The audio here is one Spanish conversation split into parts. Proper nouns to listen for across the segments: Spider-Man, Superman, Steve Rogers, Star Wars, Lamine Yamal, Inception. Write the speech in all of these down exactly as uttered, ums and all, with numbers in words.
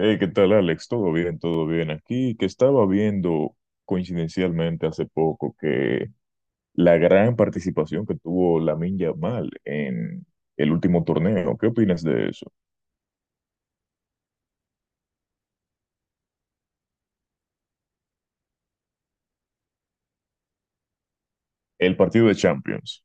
Hey, ¿qué tal, Alex? ¿Todo bien? ¿Todo bien aquí? Que estaba viendo coincidencialmente hace poco que la gran participación que tuvo Lamine Yamal en el último torneo. ¿Qué opinas de eso? El partido de Champions.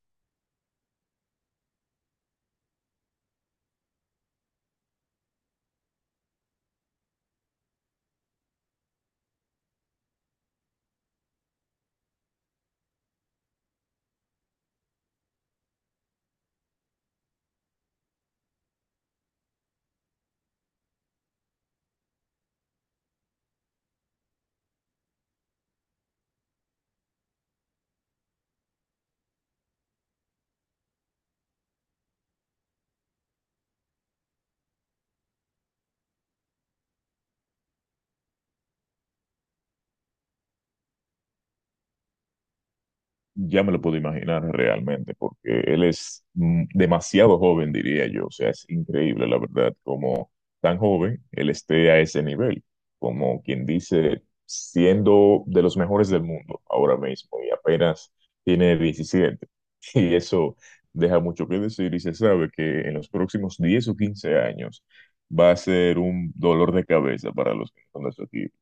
Ya me lo puedo imaginar realmente, porque él es mm, demasiado joven, diría yo. O sea, es increíble, la verdad, como tan joven él esté a ese nivel, como quien dice, siendo de los mejores del mundo ahora mismo y apenas tiene diecisiete Y eso deja mucho que decir y se sabe que en los próximos diez o quince años va a ser un dolor de cabeza para los que son de su equipo.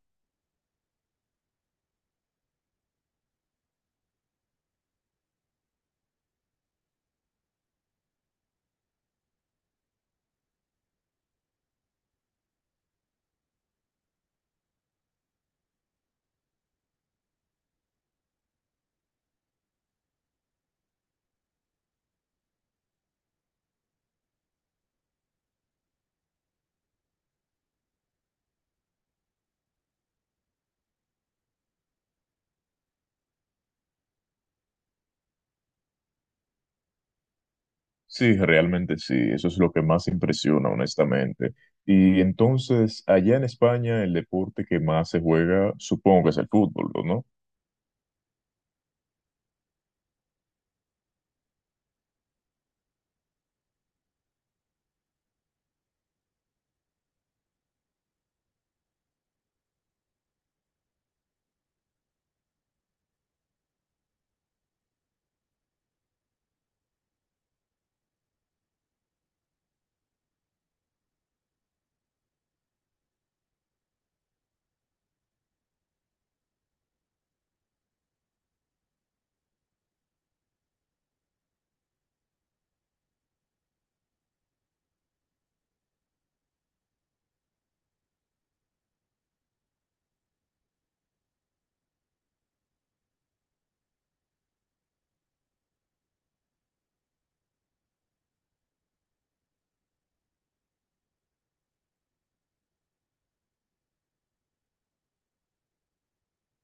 Sí, realmente sí, eso es lo que más impresiona, honestamente. Y entonces, allá en España, el deporte que más se juega, supongo que es el fútbol, ¿no?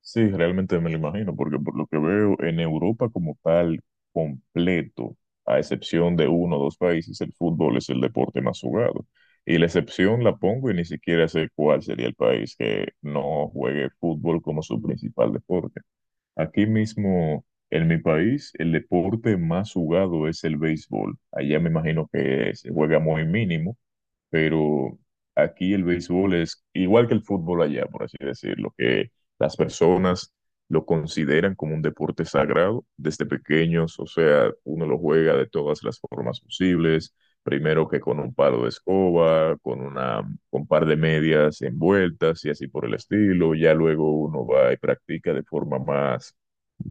Sí, realmente me lo imagino, porque por lo que veo, en Europa como tal, completo, a excepción de uno o dos países, el fútbol es el deporte más jugado. Y la excepción la pongo y ni siquiera sé cuál sería el país que no juegue fútbol como su principal deporte. Aquí mismo, en mi país, el deporte más jugado es el béisbol. Allá me imagino que se juega muy mínimo, pero aquí el béisbol es igual que el fútbol allá, por así decirlo, que las personas lo consideran como un deporte sagrado desde pequeños, o sea, uno lo juega de todas las formas posibles, primero que con un palo de escoba, con una, con un par de medias envueltas y así por el estilo, ya luego uno va y practica de forma más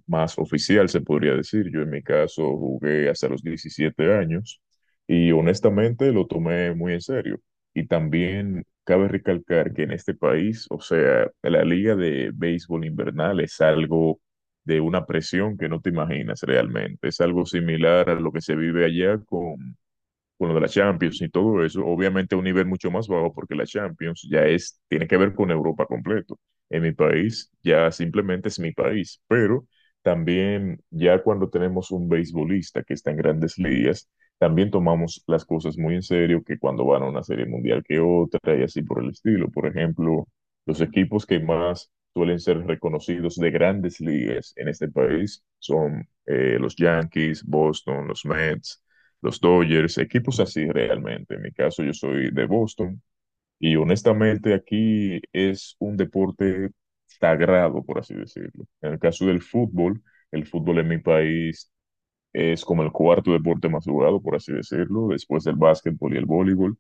más oficial, se podría decir. Yo en mi caso jugué hasta los diecisiete años y honestamente lo tomé muy en serio. Y también cabe recalcar que en este país, o sea, la liga de béisbol invernal es algo de una presión que no te imaginas realmente. Es algo similar a lo que se vive allá con con lo de la Champions y todo eso, obviamente a un nivel mucho más bajo porque la Champions ya es, tiene que ver con Europa completo. En mi país ya simplemente es mi país, pero también ya cuando tenemos un beisbolista que está en grandes ligas, también tomamos las cosas muy en serio que cuando van a una serie mundial que otra y así por el estilo. Por ejemplo, los equipos que más suelen ser reconocidos de grandes ligas en este país son eh, los Yankees, Boston, los Mets, los Dodgers, equipos así realmente. En mi caso, yo soy de Boston y honestamente aquí es un deporte sagrado, por así decirlo. En el caso del fútbol, el fútbol en mi país es como el cuarto deporte más jugado, por así decirlo, después del básquetbol y el voleibol,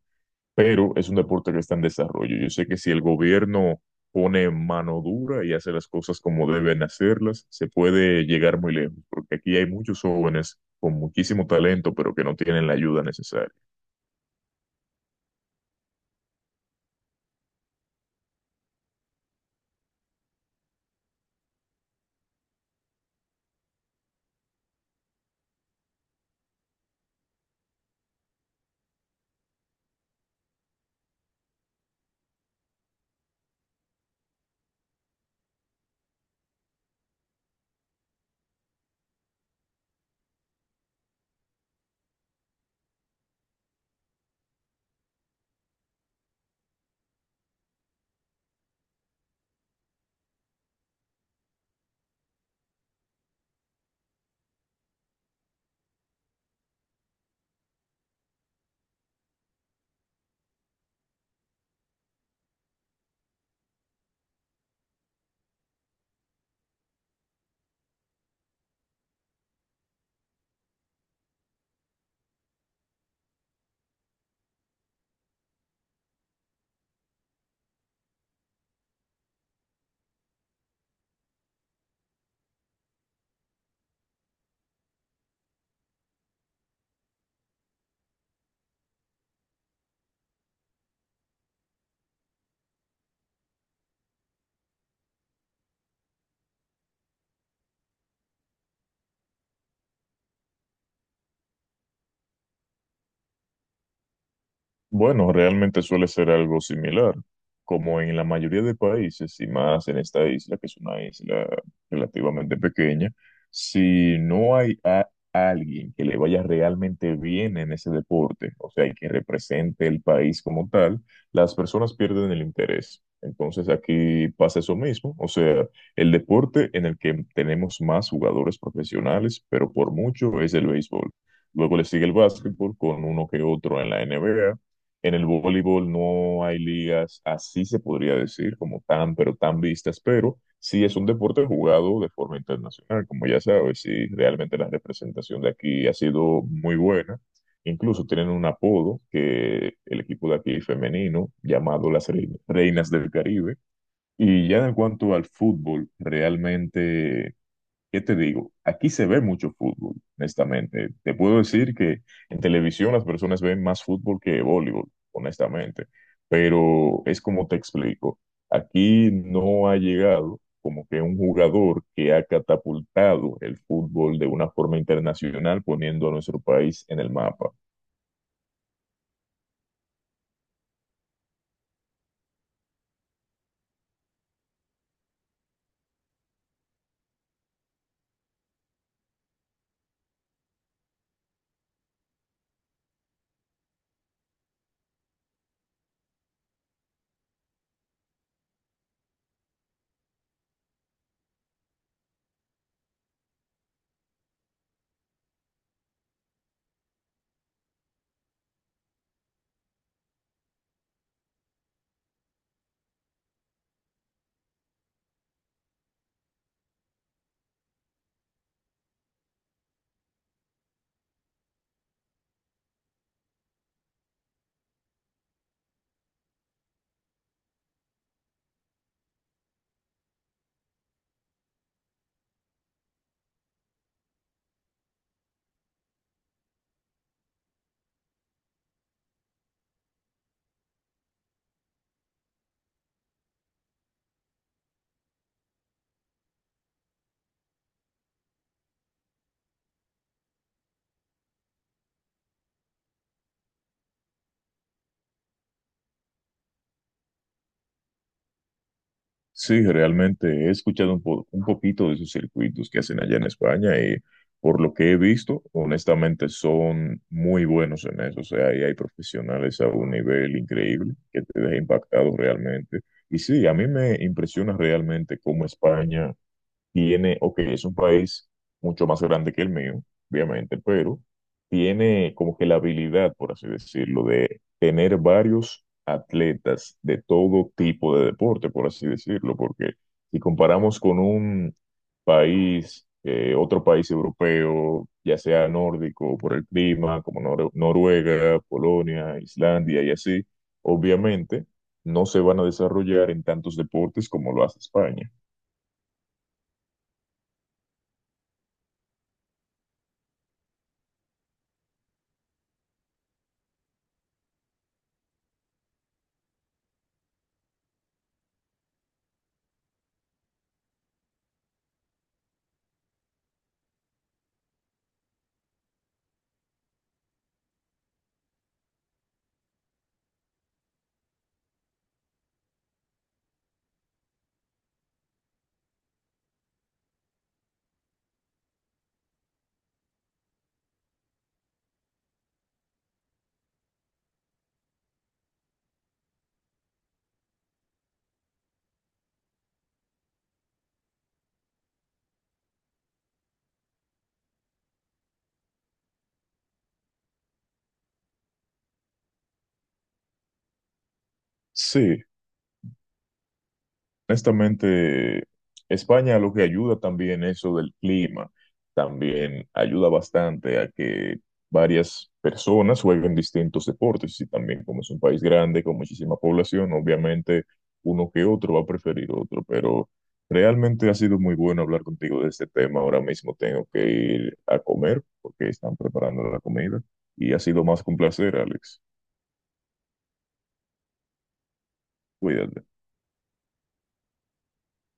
pero es un deporte que está en desarrollo. Yo sé que si el gobierno pone mano dura y hace las cosas como deben hacerlas, se puede llegar muy lejos, porque aquí hay muchos jóvenes con muchísimo talento, pero que no tienen la ayuda necesaria. Bueno, realmente suele ser algo similar, como en la mayoría de países, y más en esta isla, que es una isla relativamente pequeña, si no hay a alguien que le vaya realmente bien en ese deporte, o sea, y que represente el país como tal, las personas pierden el interés. Entonces aquí pasa eso mismo, o sea, el deporte en el que tenemos más jugadores profesionales, pero por mucho es el béisbol. Luego le sigue el básquetbol con uno que otro en la N B A. En el voleibol no hay ligas, así se podría decir, como tan, pero tan vistas, pero sí es un deporte jugado de forma internacional, como ya sabes, y realmente la representación de aquí ha sido muy buena. Incluso tienen un apodo que el equipo de aquí femenino, llamado las Rein- Reinas del Caribe. Y ya en cuanto al fútbol, realmente, ¿qué te digo? Aquí se ve mucho fútbol, honestamente. Te puedo decir que en televisión las personas ven más fútbol que voleibol, honestamente. Pero es como te explico. Aquí no ha llegado como que un jugador que ha catapultado el fútbol de una forma internacional poniendo a nuestro país en el mapa. Sí, realmente he escuchado un, po- un poquito de esos circuitos que hacen allá en España y por lo que he visto, honestamente son muy buenos en eso. O sea, ahí hay profesionales a un nivel increíble que te deja impactado realmente. Y sí, a mí me impresiona realmente cómo España tiene, ok, es un país mucho más grande que el mío, obviamente, pero tiene como que la habilidad, por así decirlo, de tener varios atletas de todo tipo de deporte, por así decirlo, porque si comparamos con un país, eh, otro país europeo, ya sea nórdico por el clima, como Nor- Noruega, Polonia, Islandia y así, obviamente no se van a desarrollar en tantos deportes como lo hace España. Sí, honestamente, España lo que ayuda también eso del clima, también ayuda bastante a que varias personas jueguen distintos deportes y también como es un país grande con muchísima población, obviamente uno que otro va a preferir otro, pero realmente ha sido muy bueno hablar contigo de este tema. Ahora mismo tengo que ir a comer porque están preparando la comida y ha sido más que un placer, Alex. Cuídate.